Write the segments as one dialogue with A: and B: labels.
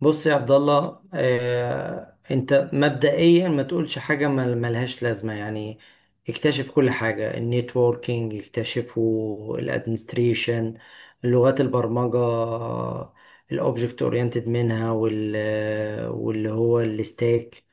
A: بص يا عبد الله انت مبدئيا ما تقولش حاجه ملهاش لازمه يعني. اكتشف كل حاجه النيتوركينج، اكتشفوا الادمنستريشن، لغات البرمجه الاوبجكت اورينتد منها وال آه، واللي هو الستاك.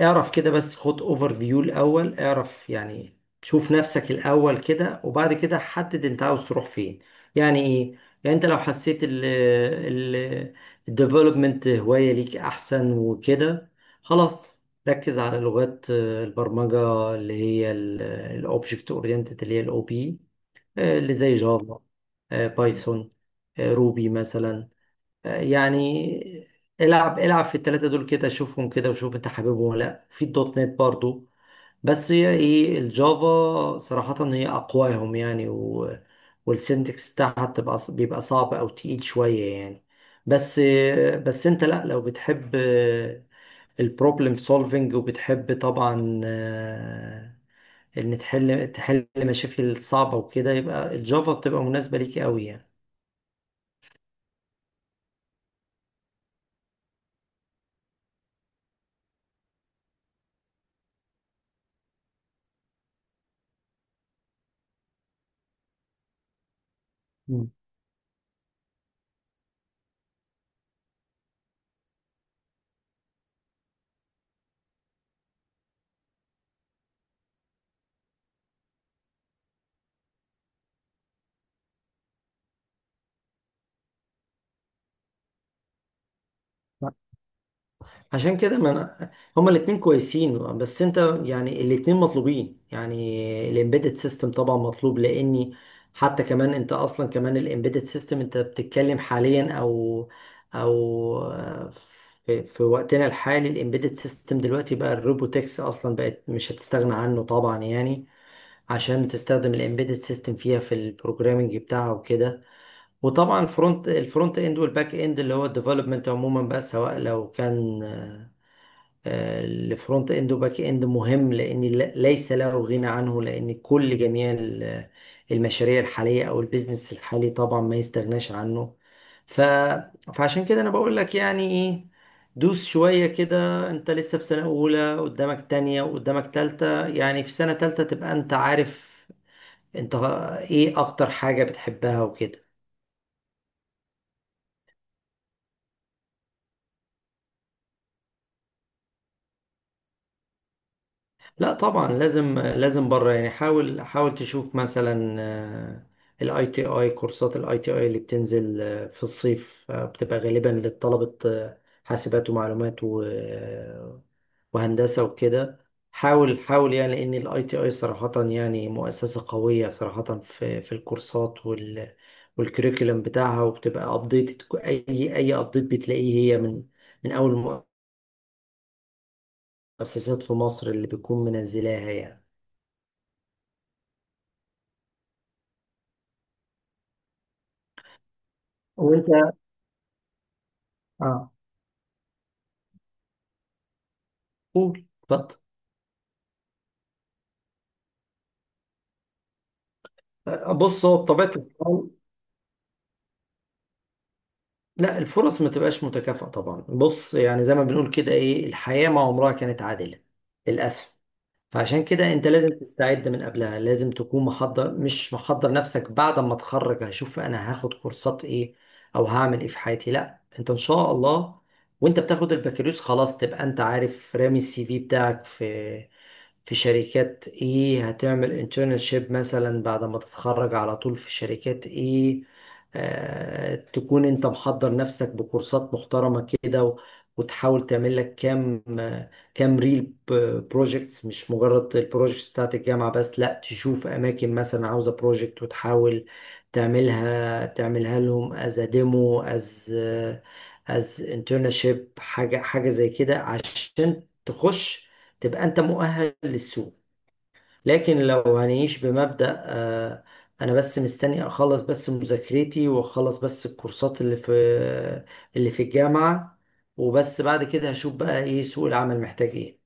A: اعرف كده بس، خد اوفر فيو الاول، اعرف يعني شوف نفسك الاول كده وبعد كده حدد انت عاوز تروح فين. يعني ايه؟ يعني انت لو حسيت ال الديفلوبمنت هواية ليك احسن وكده، خلاص ركز على لغات البرمجة اللي هي الاوبجكت اورينتد اللي هي الاو بي، اللي زي جافا، بايثون، روبي مثلا، يعني. العب العب في التلاتة دول كده، شوفهم كده وشوف انت حاببهم ولا لا. في الدوت نت برضو، بس هي ايه، الجافا صراحة هي اقواهم يعني و... والسنتكس بتاعها بتبقى بيبقى صعب او تقيل شوية يعني. بس بس انت لا، لو بتحب البروبلم سولفنج وبتحب طبعا، ان تحل مشاكل صعبة وكده، يبقى الجافا بتبقى مناسبة ليك قوي يعني. عشان كده ما أنا هما الاتنين كويسين، بس انت يعني الاتنين مطلوبين. يعني الامبيدد سيستم طبعا مطلوب، لاني حتى كمان انت اصلا كمان الامبيدد سيستم انت بتتكلم حاليا او او في وقتنا الحالي الامبيدد سيستم دلوقتي بقى الروبوتكس اصلا بقت مش هتستغنى عنه طبعا يعني، عشان تستخدم الامبيدد سيستم فيها في البروجرامنج بتاعه وكده. وطبعا الفرونت اند والباك اند اللي هو الديفلوبمنت عموما، بقى سواء لو كان الفرونت اند وباك اند مهم، لان ليس له غنى عنه، لان كل جميع المشاريع الحاليه او البيزنس الحالي طبعا ما يستغناش عنه. ف... فعشان كده انا بقول لك يعني ايه، دوس شويه كده. انت لسه في سنه اولى، قدامك تانية وقدامك تالتة، يعني في سنه تالتة تبقى انت عارف انت ايه اكتر حاجه بتحبها وكده. لا طبعا لازم بره يعني. حاول تشوف مثلا الاي تي اي، كورسات الاي تي اي اللي بتنزل في الصيف، بتبقى غالبا للطلبة، حاسبات ومعلومات و- وهندسة وكده. حاول يعني، لان الاي تي اي صراحة يعني مؤسسة قوية صراحة في الكورسات وال والكريكولم بتاعها، وبتبقى ابديت. اي ابديت بتلاقيه هي من اول المؤسسات في مصر اللي بتكون منزلاها يعني. وانت اه، قول اتفضل. بص هو بطبيعة الحال، لا الفرص ما تبقاش متكافئة طبعا. بص يعني زي ما بنقول كده، ايه الحياة ما عمرها كانت عادلة، للأسف. فعشان كده انت لازم تستعد من قبلها، لازم تكون محضر، مش محضر نفسك بعد ما اتخرج هشوف انا هاخد كورسات ايه او هعمل ايه في حياتي، لا انت ان شاء الله وانت بتاخد البكالوريوس خلاص تبقى انت عارف رامي السي في بتاعك في شركات ايه، هتعمل انترنشيب مثلا بعد ما تتخرج على طول في شركات ايه. آه، تكون انت محضر نفسك بكورسات محترمة كده و- وتحاول تعمل لك كام، كام ريل بروجكتس، مش مجرد البروجكتس بتاعت الجامعة بس، لا تشوف اماكن مثلا عاوزة بروجكت وتحاول تعملها لهم از ديمو، از انترنشيب، حاجة زي كده عشان تخش تبقى انت مؤهل للسوق. لكن لو هنعيش بمبدأ، انا بس مستني اخلص بس مذاكرتي، واخلص بس الكورسات اللي اللي في الجامعة، وبس بعد كده هشوف بقى ايه سوق العمل محتاج ايه.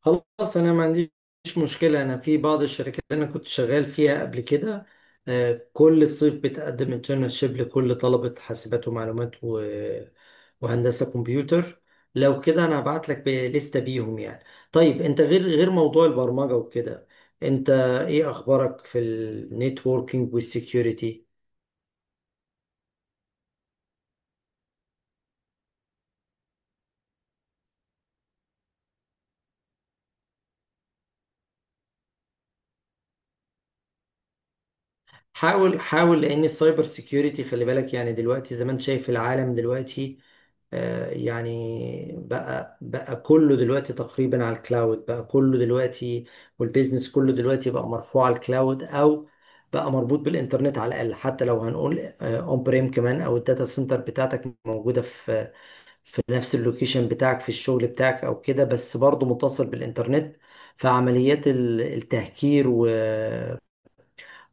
A: خلاص، انا ما عنديش مشكله. انا في بعض الشركات اللي انا كنت شغال فيها قبل كده، كل صيف بتقدم انترنشيب لكل طلبه حاسبات ومعلومات و... وهندسه كمبيوتر. لو كده انا هبعت لك لستة بيهم يعني. طيب انت غير موضوع البرمجه وكده، انت ايه اخبارك في النيتوركينج والسكيورتي؟ حاول لان السايبر سيكيورتي خلي بالك يعني، دلوقتي زي ما انت شايف العالم دلوقتي، يعني بقى كله دلوقتي تقريبا على الكلاود، بقى كله دلوقتي والبيزنس كله دلوقتي بقى مرفوع على الكلاود، او بقى مربوط بالانترنت على الاقل، حتى لو هنقول اون بريم كمان، او الداتا سنتر بتاعتك موجوده في نفس اللوكيشن بتاعك في الشغل بتاعك او كده، بس برضه متصل بالانترنت. فعمليات التهكير و-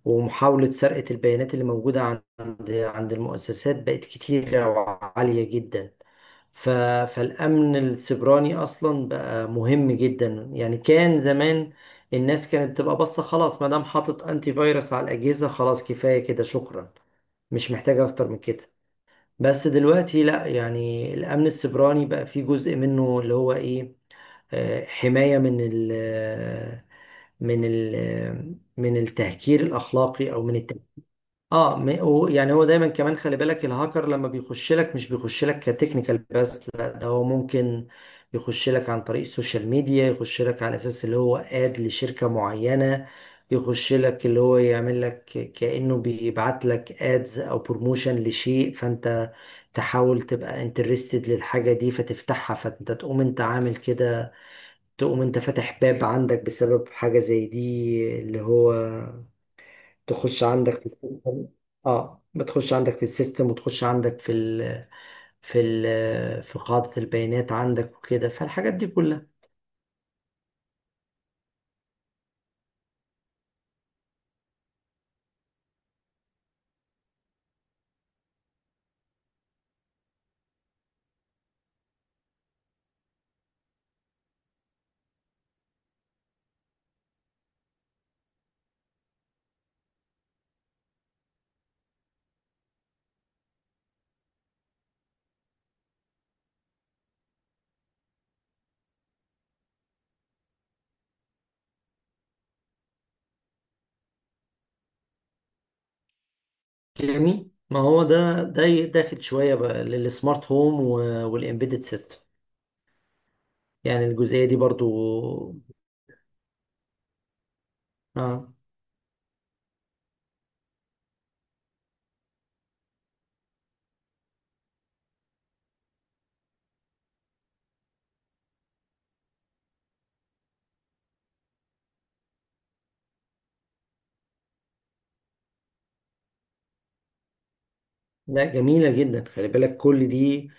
A: ومحاولة سرقة البيانات اللي موجودة عند المؤسسات بقت كتيرة وعالية جدا. ف... فالأمن السيبراني أصلا بقى مهم جدا يعني. كان زمان الناس كانت تبقى بس خلاص، ما دام حاطط أنتي فيروس على الأجهزة خلاص، كفاية كده شكرا، مش محتاجة أكتر من كده. بس دلوقتي لا، يعني الأمن السيبراني بقى فيه جزء منه اللي هو إيه، حماية من ال من التهكير الأخلاقي أو من الت اه، يعني هو دايما كمان خلي بالك الهاكر لما بيخش لك مش بيخش لك كتكنيكال بس، لا ده هو ممكن يخش لك عن طريق السوشيال ميديا، يخش لك على اساس اللي هو اد لشركة معينة، يخش لك اللي هو يعمل لك كأنه بيبعت لك ادز او بروموشن لشيء، فانت تحاول تبقى انترستد للحاجة دي فتفتحها، فانت تقوم انت عامل كده، تقوم انت فاتح باب عندك بسبب حاجة زي دي اللي هو تخش عندك في السيستم. اه بتخش عندك في السيستم وتخش عندك في ال في ال في قاعدة البيانات عندك وكده، فالحاجات دي كلها. جميل، ما هو ده داخل شوية بقى للسمارت هوم والإمبيدد سيستم يعني، الجزئية دي برضو. اه لا جميلة جدا، خلي بالك كل دي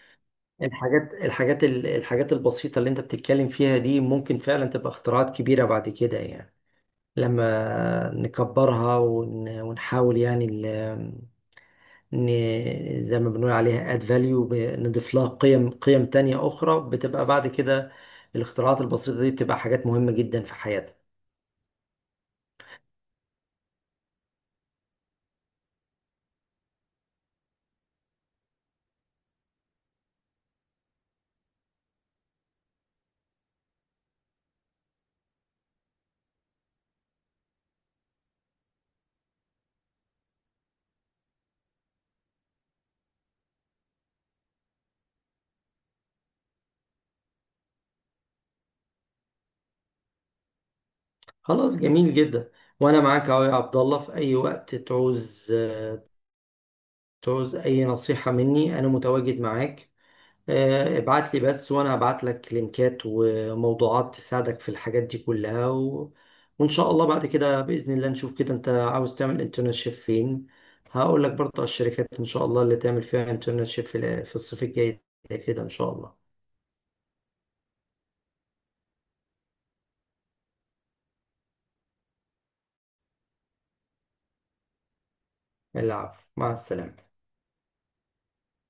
A: الحاجات الحاجات البسيطة اللي انت بتتكلم فيها دي ممكن فعلا تبقى اختراعات كبيرة بعد كده يعني، لما نكبرها ونحاول يعني زي ما بنقول عليها add value، نضيف لها قيم تانية أخرى، بتبقى بعد كده الاختراعات البسيطة دي بتبقى حاجات مهمة جدا في حياتنا. خلاص، جميل جدا. وأنا معاك أهو يا عبد الله، في أي وقت تعوز أي نصيحة مني أنا متواجد معاك. ابعت لي بس وانا هبعت لك لينكات وموضوعات تساعدك في الحاجات دي كلها و... وان شاء الله بعد كده باذن الله نشوف كده انت عاوز تعمل انترنشيب فين، هقول لك برضه على الشركات ان شاء الله اللي تعمل فيها انترنشيب في في الصيف الجاي، ده كده ان شاء الله. العفو، مع السلامه.